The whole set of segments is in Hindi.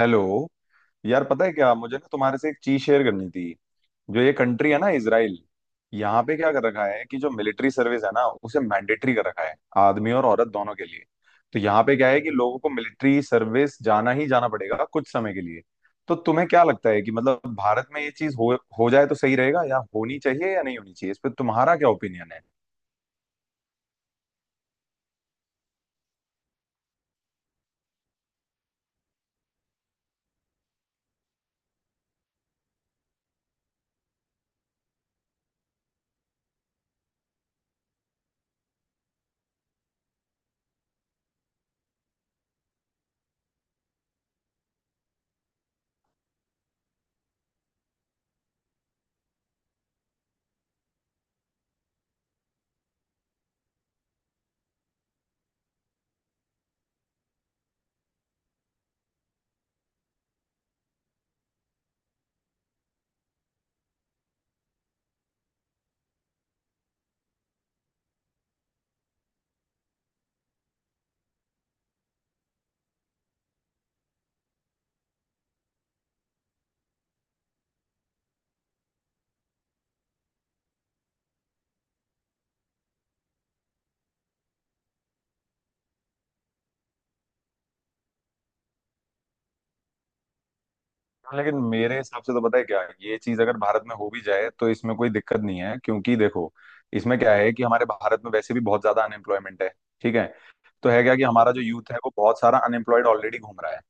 हेलो। यार पता है क्या, मुझे ना तुम्हारे से एक चीज शेयर करनी थी। जो ये कंट्री है ना, इसराइल, यहाँ पे क्या कर रखा है कि जो मिलिट्री सर्विस है ना उसे मैंडेटरी कर रखा है, आदमी और औरत दोनों के लिए। तो यहाँ पे क्या है कि लोगों को मिलिट्री सर्विस जाना ही जाना पड़ेगा कुछ समय के लिए। तो तुम्हें क्या लगता है कि मतलब भारत में ये चीज हो जाए तो सही रहेगा, या होनी चाहिए या नहीं होनी चाहिए, इस पर तुम्हारा क्या ओपिनियन है? लेकिन मेरे हिसाब से तो पता है क्या, ये चीज अगर भारत में हो भी जाए तो इसमें कोई दिक्कत नहीं है, क्योंकि देखो, इसमें क्या है कि हमारे भारत में वैसे भी बहुत ज्यादा अनएम्प्लॉयमेंट है। ठीक है। तो है क्या कि हमारा जो यूथ है वो बहुत सारा अनएम्प्लॉयड ऑलरेडी घूम रहा है।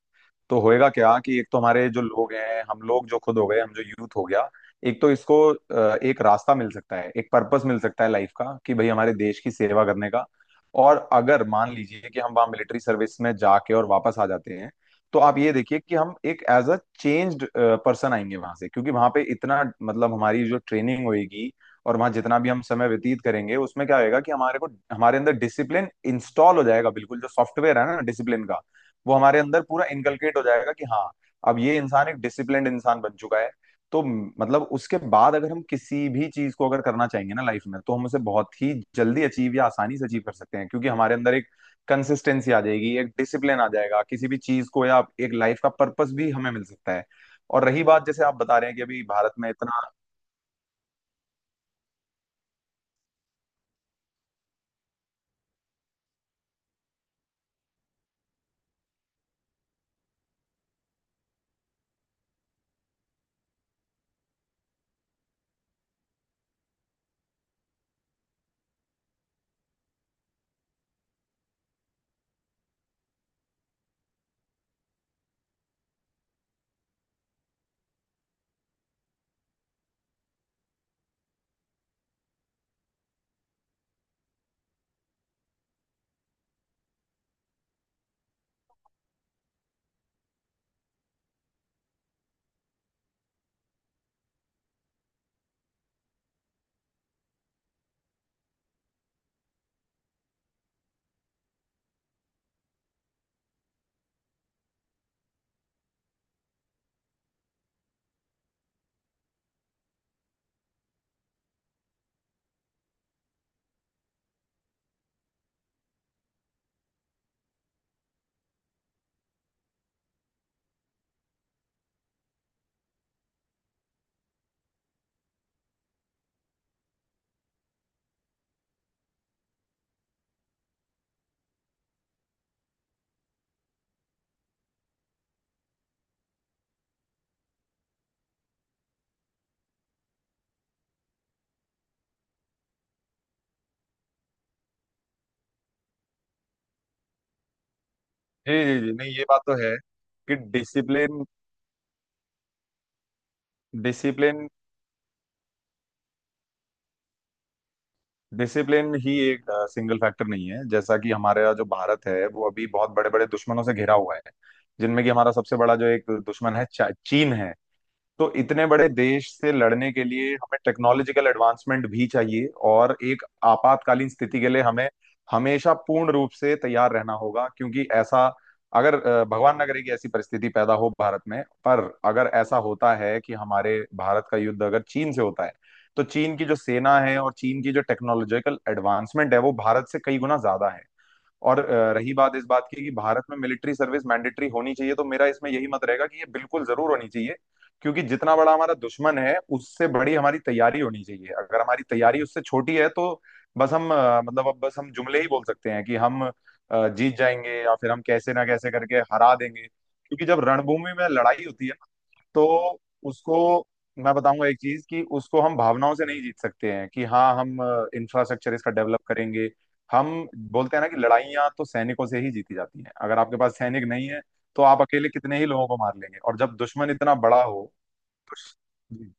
तो होएगा क्या कि एक तो हमारे जो लोग हैं, हम लोग जो खुद हो गए, हम जो यूथ हो गया, एक तो इसको एक रास्ता मिल सकता है, एक पर्पस मिल सकता है लाइफ का, कि भाई हमारे देश की सेवा करने का। और अगर मान लीजिए कि हम वहाँ मिलिट्री सर्विस में जाके और वापस आ जाते हैं, तो आप ये देखिए कि हम एक एज अ चेंज्ड पर्सन आएंगे वहां से, क्योंकि वहां पे इतना मतलब हमारी जो ट्रेनिंग होएगी और वहां जितना भी हम समय व्यतीत करेंगे उसमें क्या होएगा कि हमारे को, हमारे अंदर डिसिप्लिन इंस्टॉल हो जाएगा, बिल्कुल जो सॉफ्टवेयर है ना डिसिप्लिन का, वो हमारे अंदर पूरा इनकलकेट हो जाएगा, कि हाँ अब ये इंसान एक डिसिप्लिन्ड इंसान बन चुका है। तो मतलब उसके बाद अगर हम किसी भी चीज को अगर करना चाहेंगे ना लाइफ में, तो हम उसे बहुत ही जल्दी अचीव या आसानी से अचीव कर सकते हैं, क्योंकि हमारे अंदर एक कंसिस्टेंसी आ जाएगी, एक डिसिप्लिन आ जाएगा किसी भी चीज को, या एक लाइफ का पर्पस भी हमें मिल सकता है। और रही बात जैसे आप बता रहे हैं कि अभी भारत में इतना। जी जी जी, नहीं, ये बात तो है कि डिसिप्लिन, डिसिप्लिन डिसिप्लिन ही एक सिंगल फैक्टर नहीं है। जैसा कि हमारा जो भारत है वो अभी बहुत बड़े बड़े दुश्मनों से घिरा हुआ है, जिनमें कि हमारा सबसे बड़ा जो एक दुश्मन है चीन है। तो इतने बड़े देश से लड़ने के लिए हमें टेक्नोलॉजिकल एडवांसमेंट भी चाहिए, और एक आपातकालीन स्थिति के लिए हमें हमेशा पूर्ण रूप से तैयार रहना होगा। क्योंकि ऐसा, अगर भगवान न करे कि ऐसी परिस्थिति पैदा हो भारत में, पर अगर ऐसा होता है कि हमारे भारत का युद्ध अगर चीन से होता है, तो चीन की जो सेना है और चीन की जो टेक्नोलॉजिकल एडवांसमेंट है वो भारत से कई गुना ज्यादा है। और रही बात इस बात की कि भारत में मिलिट्री सर्विस मैंडेटरी होनी चाहिए, तो मेरा इसमें यही मत रहेगा कि ये बिल्कुल जरूर होनी चाहिए। क्योंकि जितना बड़ा हमारा दुश्मन है उससे बड़ी हमारी तैयारी होनी चाहिए। अगर हमारी तैयारी उससे छोटी है तो बस हम मतलब अब बस हम जुमले ही बोल सकते हैं कि हम जीत जाएंगे या फिर हम कैसे ना कैसे करके हरा देंगे। क्योंकि जब रणभूमि में लड़ाई होती है तो उसको मैं बताऊंगा एक चीज, कि उसको हम भावनाओं से नहीं जीत सकते हैं कि हाँ हम इंफ्रास्ट्रक्चर इसका डेवलप करेंगे। हम बोलते हैं ना कि लड़ाइयाँ तो सैनिकों से ही जीती जाती हैं, अगर आपके पास सैनिक नहीं है तो आप अकेले कितने ही लोगों को मार लेंगे, और जब दुश्मन इतना बड़ा हो तो। जी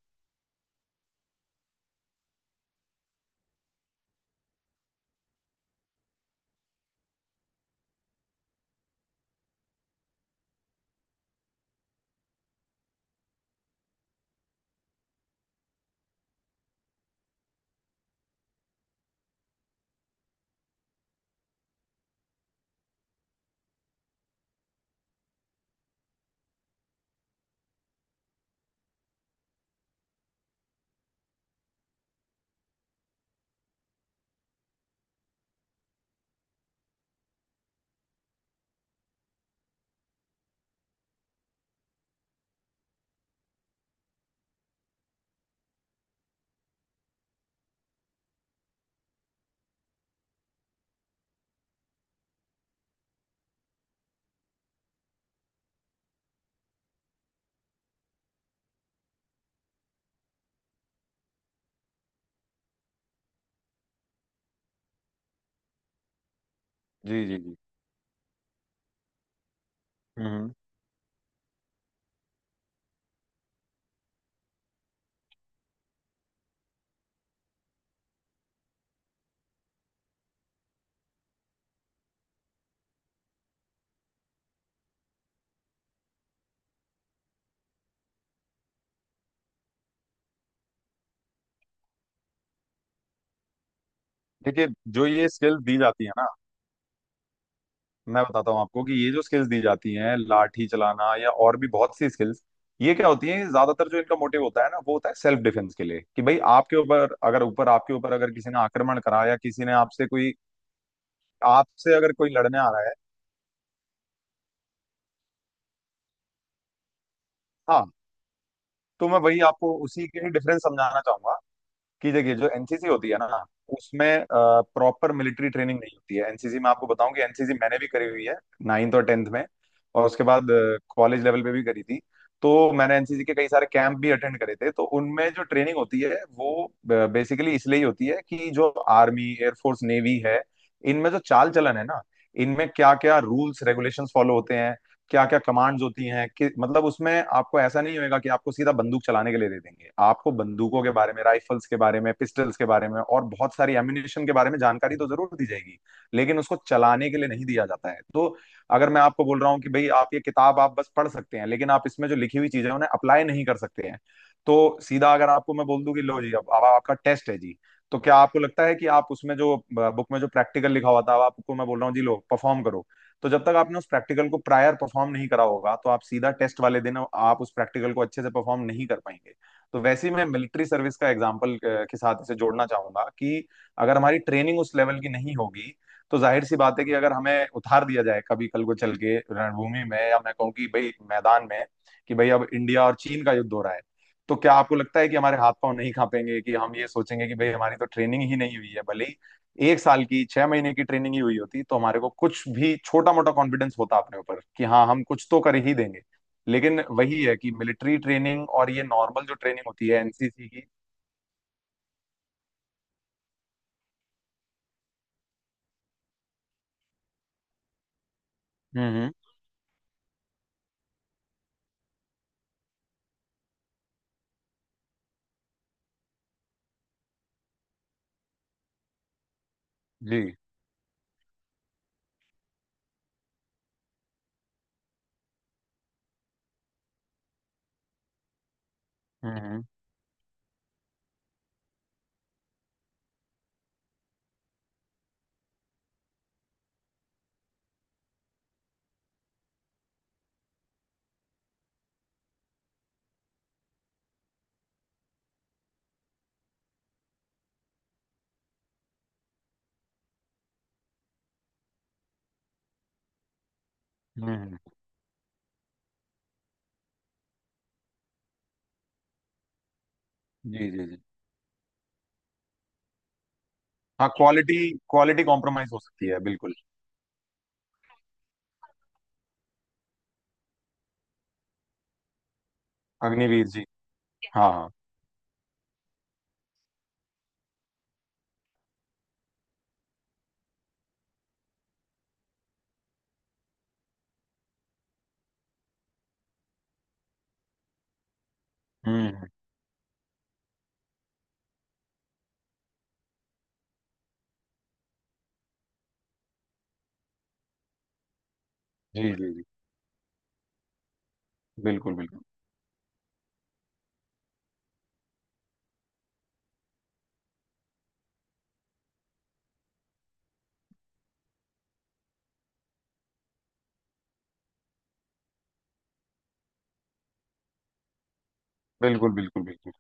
जी जी जी। हम्म। देखिए, जो ये स्किल दी जाती है ना, मैं बताता हूँ आपको कि ये जो स्किल्स दी जाती हैं, लाठी चलाना या और भी बहुत सी स्किल्स, ये क्या होती है, ज्यादातर जो इनका मोटिव होता है ना वो होता है सेल्फ डिफेंस के लिए, कि भाई आपके ऊपर अगर ऊपर आपके ऊपर अगर किसी ने आक्रमण करा या किसी ने आपसे कोई, आपसे अगर कोई लड़ने आ रहा है। हाँ, तो मैं वही आपको उसी के ही डिफरेंस समझाना चाहूंगा, कि देखिए जो एनसीसी होती है ना उसमें प्रॉपर मिलिट्री ट्रेनिंग नहीं होती है। एनसीसी में आपको बताऊं कि एनसीसी मैंने भी करी हुई है, नाइन्थ और टेंथ में, और उसके बाद कॉलेज लेवल पे भी करी थी। तो मैंने एनसीसी के कई सारे कैंप भी अटेंड करे थे, तो उनमें जो ट्रेनिंग होती है वो बेसिकली इसलिए ही होती है कि जो आर्मी एयरफोर्स नेवी है इनमें जो चाल चलन है ना, इनमें क्या क्या रूल्स रेगुलेशंस फॉलो होते हैं, क्या क्या कमांड्स होती हैं कि, मतलब उसमें आपको ऐसा नहीं होएगा कि आपको सीधा बंदूक चलाने के लिए दे देंगे। आपको बंदूकों के बारे में, राइफल्स के बारे में, पिस्टल्स के बारे में और बहुत सारी एम्युनिशन के बारे में जानकारी तो जरूर दी जाएगी, लेकिन उसको चलाने के लिए नहीं दिया जाता है। तो अगर मैं आपको बोल रहा हूँ कि भाई आप ये किताब आप बस पढ़ सकते हैं, लेकिन आप इसमें जो लिखी हुई चीजें हैं उन्हें अप्लाई नहीं कर सकते हैं, तो सीधा अगर आपको मैं बोल दूं कि लो जी अब आपका टेस्ट है जी, तो क्या आपको लगता है कि आप उसमें जो बुक में जो प्रैक्टिकल लिखा हुआ था अब आपको मैं बोल रहा हूँ जी लो परफॉर्म करो, तो जब तक आपने उस प्रैक्टिकल को प्रायर परफॉर्म नहीं करा होगा तो आप सीधा टेस्ट वाले दिन आप उस प्रैक्टिकल को अच्छे से परफॉर्म नहीं कर पाएंगे। तो वैसे ही मैं मिलिट्री सर्विस का एग्जाम्पल के साथ इसे जोड़ना चाहूंगा, कि अगर हमारी ट्रेनिंग उस लेवल की नहीं होगी तो जाहिर सी बात है कि अगर हमें उतार दिया जाए कभी कल को चल के रणभूमि में, या मैं कहूँ कि भाई मैदान में, कि भाई अब इंडिया और चीन का युद्ध हो रहा है, तो क्या आपको लगता है कि हमारे हाथ पांव नहीं कांपेंगे, कि हम ये सोचेंगे कि भाई हमारी तो ट्रेनिंग ही नहीं हुई है। भले ही एक साल की, छह महीने की ट्रेनिंग ही हुई होती तो हमारे को कुछ भी छोटा मोटा कॉन्फिडेंस होता अपने ऊपर कि हाँ हम कुछ तो कर ही देंगे। लेकिन वही है कि मिलिट्री ट्रेनिंग और ये नॉर्मल जो ट्रेनिंग होती है एनसीसी की। हम्म, जी। हम्म, हम्म, हम्म, जी जी जी। हाँ, क्वालिटी, क्वालिटी कॉम्प्रोमाइज हो सकती है बिल्कुल। अग्निवीर जी। हाँ हाँ। हम्म, जी जी जी। बिल्कुल बिल्कुल बिल्कुल। बिल्कुल बिल्कुल।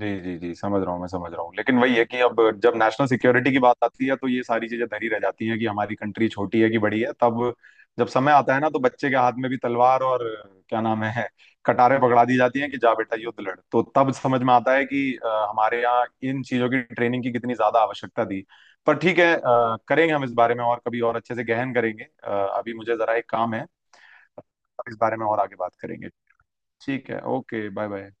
जी जी जी, समझ रहा हूँ, मैं समझ रहा हूँ, लेकिन वही है कि अब जब नेशनल सिक्योरिटी की बात आती है तो ये सारी चीजें धरी रह जाती हैं कि हमारी कंट्री छोटी है कि बड़ी है। तब जब समय आता है ना तो बच्चे के हाथ में भी तलवार और, क्या नाम है, कटारे पकड़ा दी जाती हैं कि जा बेटा युद्ध लड़, तो तब समझ में आता है कि हमारे यहाँ इन चीजों की ट्रेनिंग की कितनी ज्यादा आवश्यकता थी। पर ठीक है, करेंगे हम इस बारे में और कभी और अच्छे से गहन करेंगे। अभी मुझे जरा एक काम है। अब इस बारे में और आगे बात करेंगे। ठीक है, ओके, बाय बाय।